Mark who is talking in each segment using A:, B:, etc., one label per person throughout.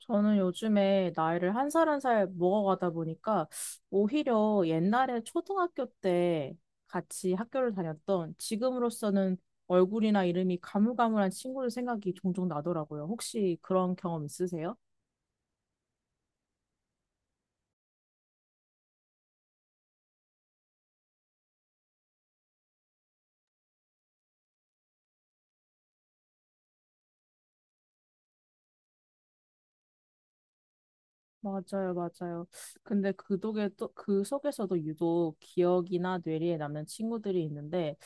A: 저는 요즘에 나이를 한 살 한 살 먹어가다 보니까 오히려 옛날에 초등학교 때 같이 학교를 다녔던, 지금으로서는 얼굴이나 이름이 가물가물한 친구들 생각이 종종 나더라고요. 혹시 그런 경험 있으세요? 맞아요, 맞아요. 근데 그 독에 또, 그 속에서도 유독 기억이나 뇌리에 남는 친구들이 있는데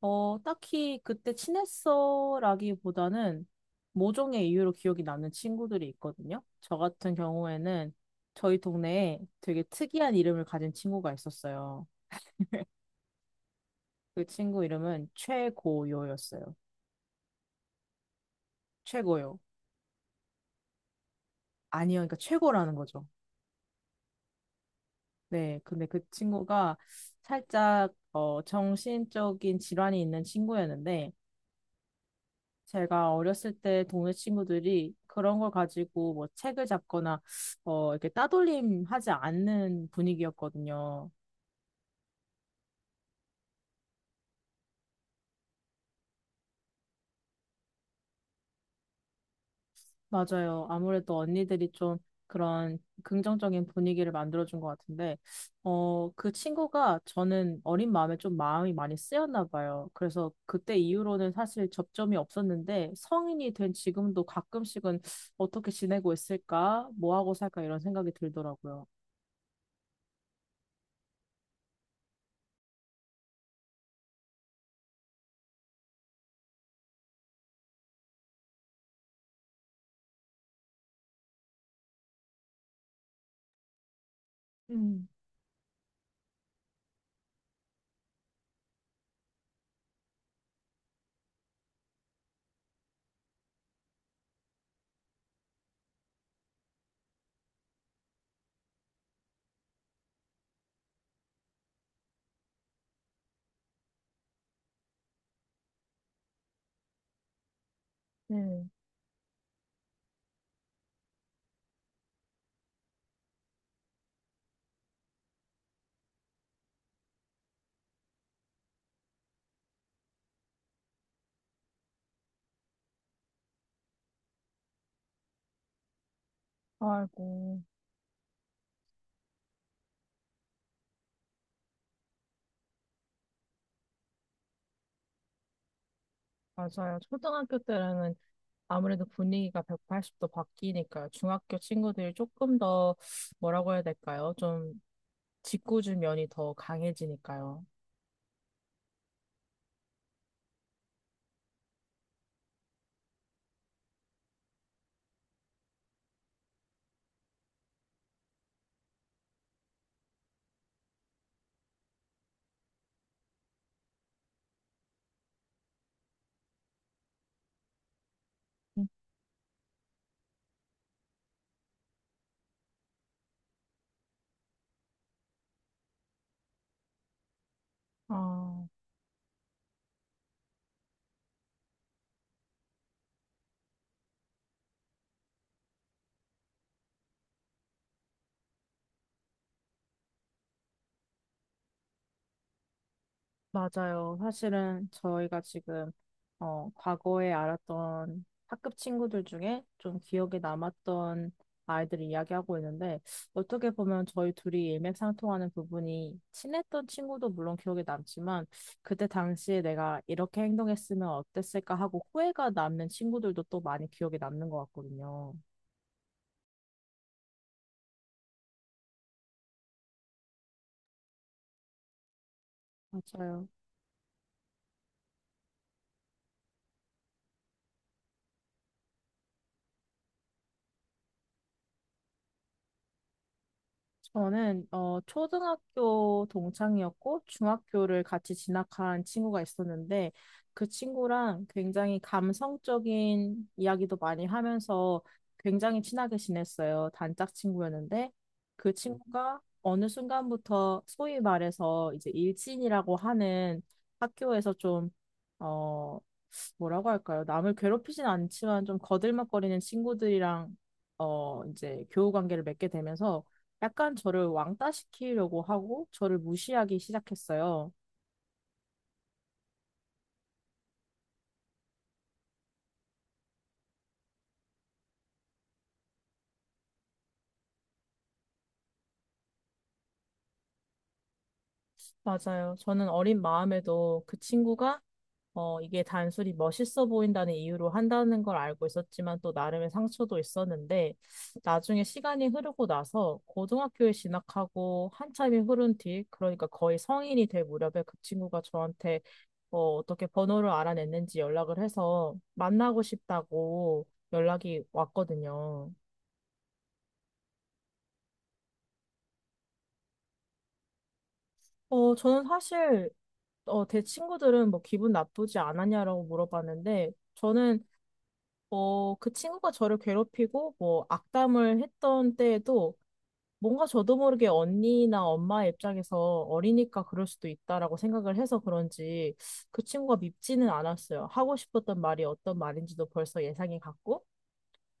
A: 딱히 그때 친했어라기보다는 모종의 이유로 기억이 남는 친구들이 있거든요. 저 같은 경우에는 저희 동네에 되게 특이한 이름을 가진 친구가 있었어요. 그 친구 이름은 최고요였어요. 최고요. 아니요, 그러니까 최고라는 거죠. 네, 근데 그 친구가 살짝 정신적인 질환이 있는 친구였는데, 제가 어렸을 때 동네 친구들이 그런 걸 가지고 뭐 책을 잡거나 이렇게 따돌림 하지 않는 분위기였거든요. 맞아요. 아무래도 언니들이 좀 그런 긍정적인 분위기를 만들어준 것 같은데, 그 친구가 저는 어린 마음에 좀 마음이 많이 쓰였나 봐요. 그래서 그때 이후로는 사실 접점이 없었는데 성인이 된 지금도 가끔씩은 어떻게 지내고 있을까? 뭐 하고 살까? 이런 생각이 들더라고요. 음, 네. 아이고. 맞아요. 초등학교 때는 아무래도 분위기가 180도 바뀌니까 중학교 친구들이 조금 더 뭐라고 해야 될까요? 좀 짓궂은 면이 더 강해지니까요. 음. 아, 맞아요. 사실은 저희가 지금 과거에 알았던 학급 친구들 중에 좀 기억에 남았던 아이들을 이야기하고 있는데, 어떻게 보면 저희 둘이 일맥상통하는 부분이, 친했던 친구도 물론 기억에 남지만 그때 당시에 내가 이렇게 행동했으면 어땠을까 하고 후회가 남는 친구들도 또 많이 기억에 남는 것 같거든요. 맞아요. 저는 초등학교 동창이었고 중학교를 같이 진학한 친구가 있었는데, 그 친구랑 굉장히 감성적인 이야기도 많이 하면서 굉장히 친하게 지냈어요. 단짝 친구였는데 그 친구가 어느 순간부터 소위 말해서 이제 일진이라고 하는, 학교에서 좀 어, 뭐라고 할까요? 남을 괴롭히진 않지만 좀 거들먹거리는 친구들이랑 이제 교우 관계를 맺게 되면서 약간 저를 왕따시키려고 하고 저를 무시하기 시작했어요. 맞아요. 저는 어린 마음에도 그 친구가 이게 단순히 멋있어 보인다는 이유로 한다는 걸 알고 있었지만 또 나름의 상처도 있었는데, 나중에 시간이 흐르고 나서 고등학교에 진학하고 한참이 흐른 뒤, 그러니까 거의 성인이 될 무렵에 그 친구가 저한테 어떻게 번호를 알아냈는지 연락을 해서 만나고 싶다고 연락이 왔거든요. 저는 사실 제 친구들은 뭐 기분 나쁘지 않았냐라고 물어봤는데, 저는 그 친구가 저를 괴롭히고 뭐 악담을 했던 때에도 뭔가 저도 모르게 언니나 엄마 의 입장에서 어리니까 그럴 수도 있다라고 생각을 해서 그런지 그 친구가 밉지는 않았어요. 하고 싶었던 말이 어떤 말인지도 벌써 예상이 갔고,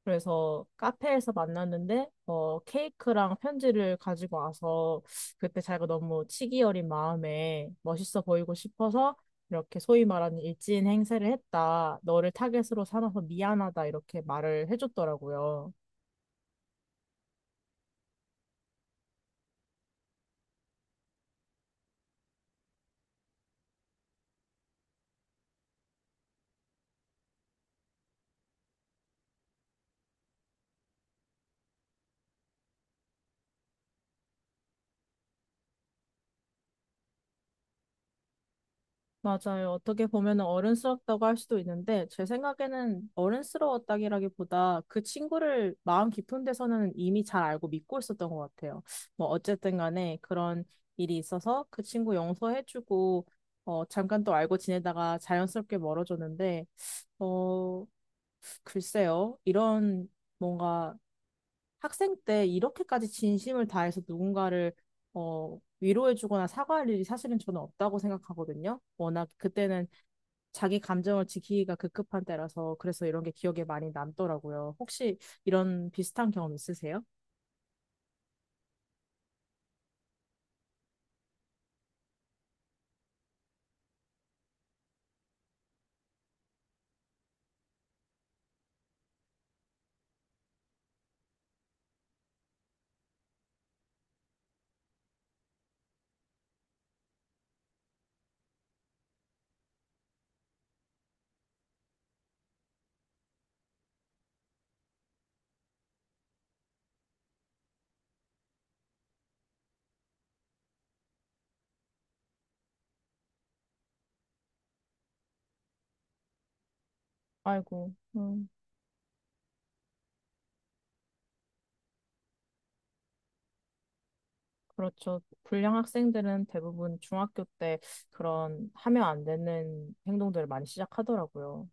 A: 그래서 카페에서 만났는데 케이크랑 편지를 가지고 와서 그때 자기가 너무 치기 어린 마음에 멋있어 보이고 싶어서 이렇게 소위 말하는 일진 행세를 했다. 너를 타겟으로 삼아서 미안하다 이렇게 말을 해줬더라고요. 맞아요. 어떻게 보면 어른스럽다고 할 수도 있는데, 제 생각에는 어른스러웠다기라기보다 그 친구를 마음 깊은 데서는 이미 잘 알고 믿고 있었던 것 같아요. 뭐, 어쨌든 간에 그런 일이 있어서 그 친구 용서해주고, 잠깐 또 알고 지내다가 자연스럽게 멀어졌는데, 어, 글쎄요. 이런 뭔가 학생 때 이렇게까지 진심을 다해서 누군가를 위로해주거나 사과할 일이 사실은 저는 없다고 생각하거든요. 워낙 그때는 자기 감정을 지키기가 급급한 때라서, 그래서 이런 게 기억에 많이 남더라고요. 혹시 이런 비슷한 경험 있으세요? 아이고, 그렇죠. 불량 학생들은 대부분 중학교 때 그런 하면 안 되는 행동들을 많이 시작하더라고요.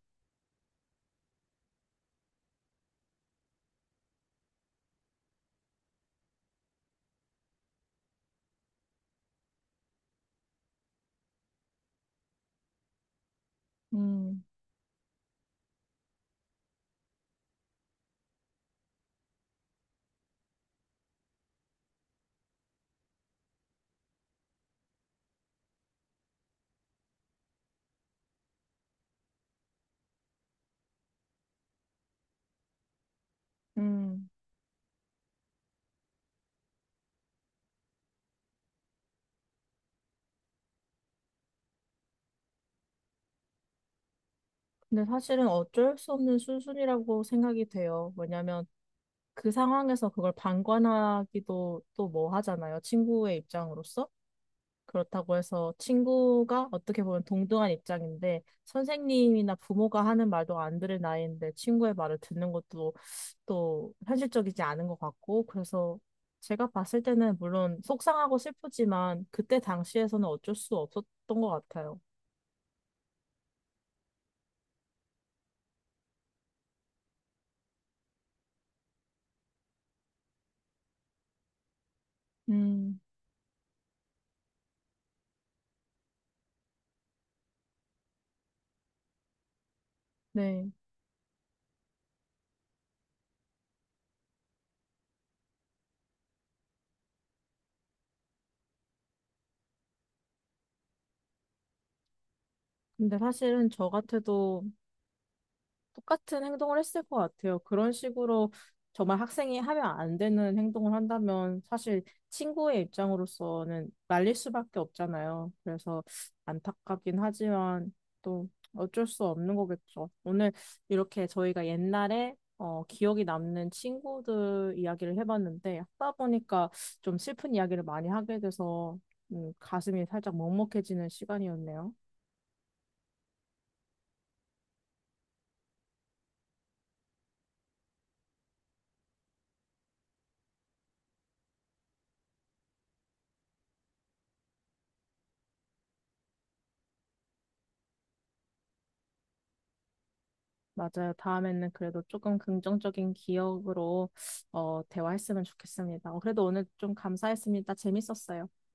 A: 음, 음. 근데 사실은 어쩔 수 없는 수순이라고 생각이 돼요. 왜냐면 그 상황에서 그걸 방관하기도 또 뭐 하잖아요. 친구의 입장으로서. 그렇다고 해서 친구가, 어떻게 보면 동등한 입장인데, 선생님이나 부모가 하는 말도 안 들을 나이인데 친구의 말을 듣는 것도 또 현실적이지 않은 것 같고, 그래서 제가 봤을 때는 물론 속상하고 슬프지만 그때 당시에서는 어쩔 수 없었던 것 같아요. 음, 네. 근데 사실은 저 같아도 똑같은 행동을 했을 것 같아요. 그런 식으로 정말 학생이 하면 안 되는 행동을 한다면 사실 친구의 입장으로서는 말릴 수밖에 없잖아요. 그래서 안타깝긴 하지만 또 어쩔 수 없는 거겠죠. 오늘 이렇게 저희가 옛날에 기억이 남는 친구들 이야기를 해봤는데 하다 보니까 좀 슬픈 이야기를 많이 하게 돼서 가슴이 살짝 먹먹해지는 시간이었네요. 맞아요. 다음에는 그래도 조금 긍정적인 기억으로 대화했으면 좋겠습니다. 그래도 오늘 좀 감사했습니다. 재밌었어요.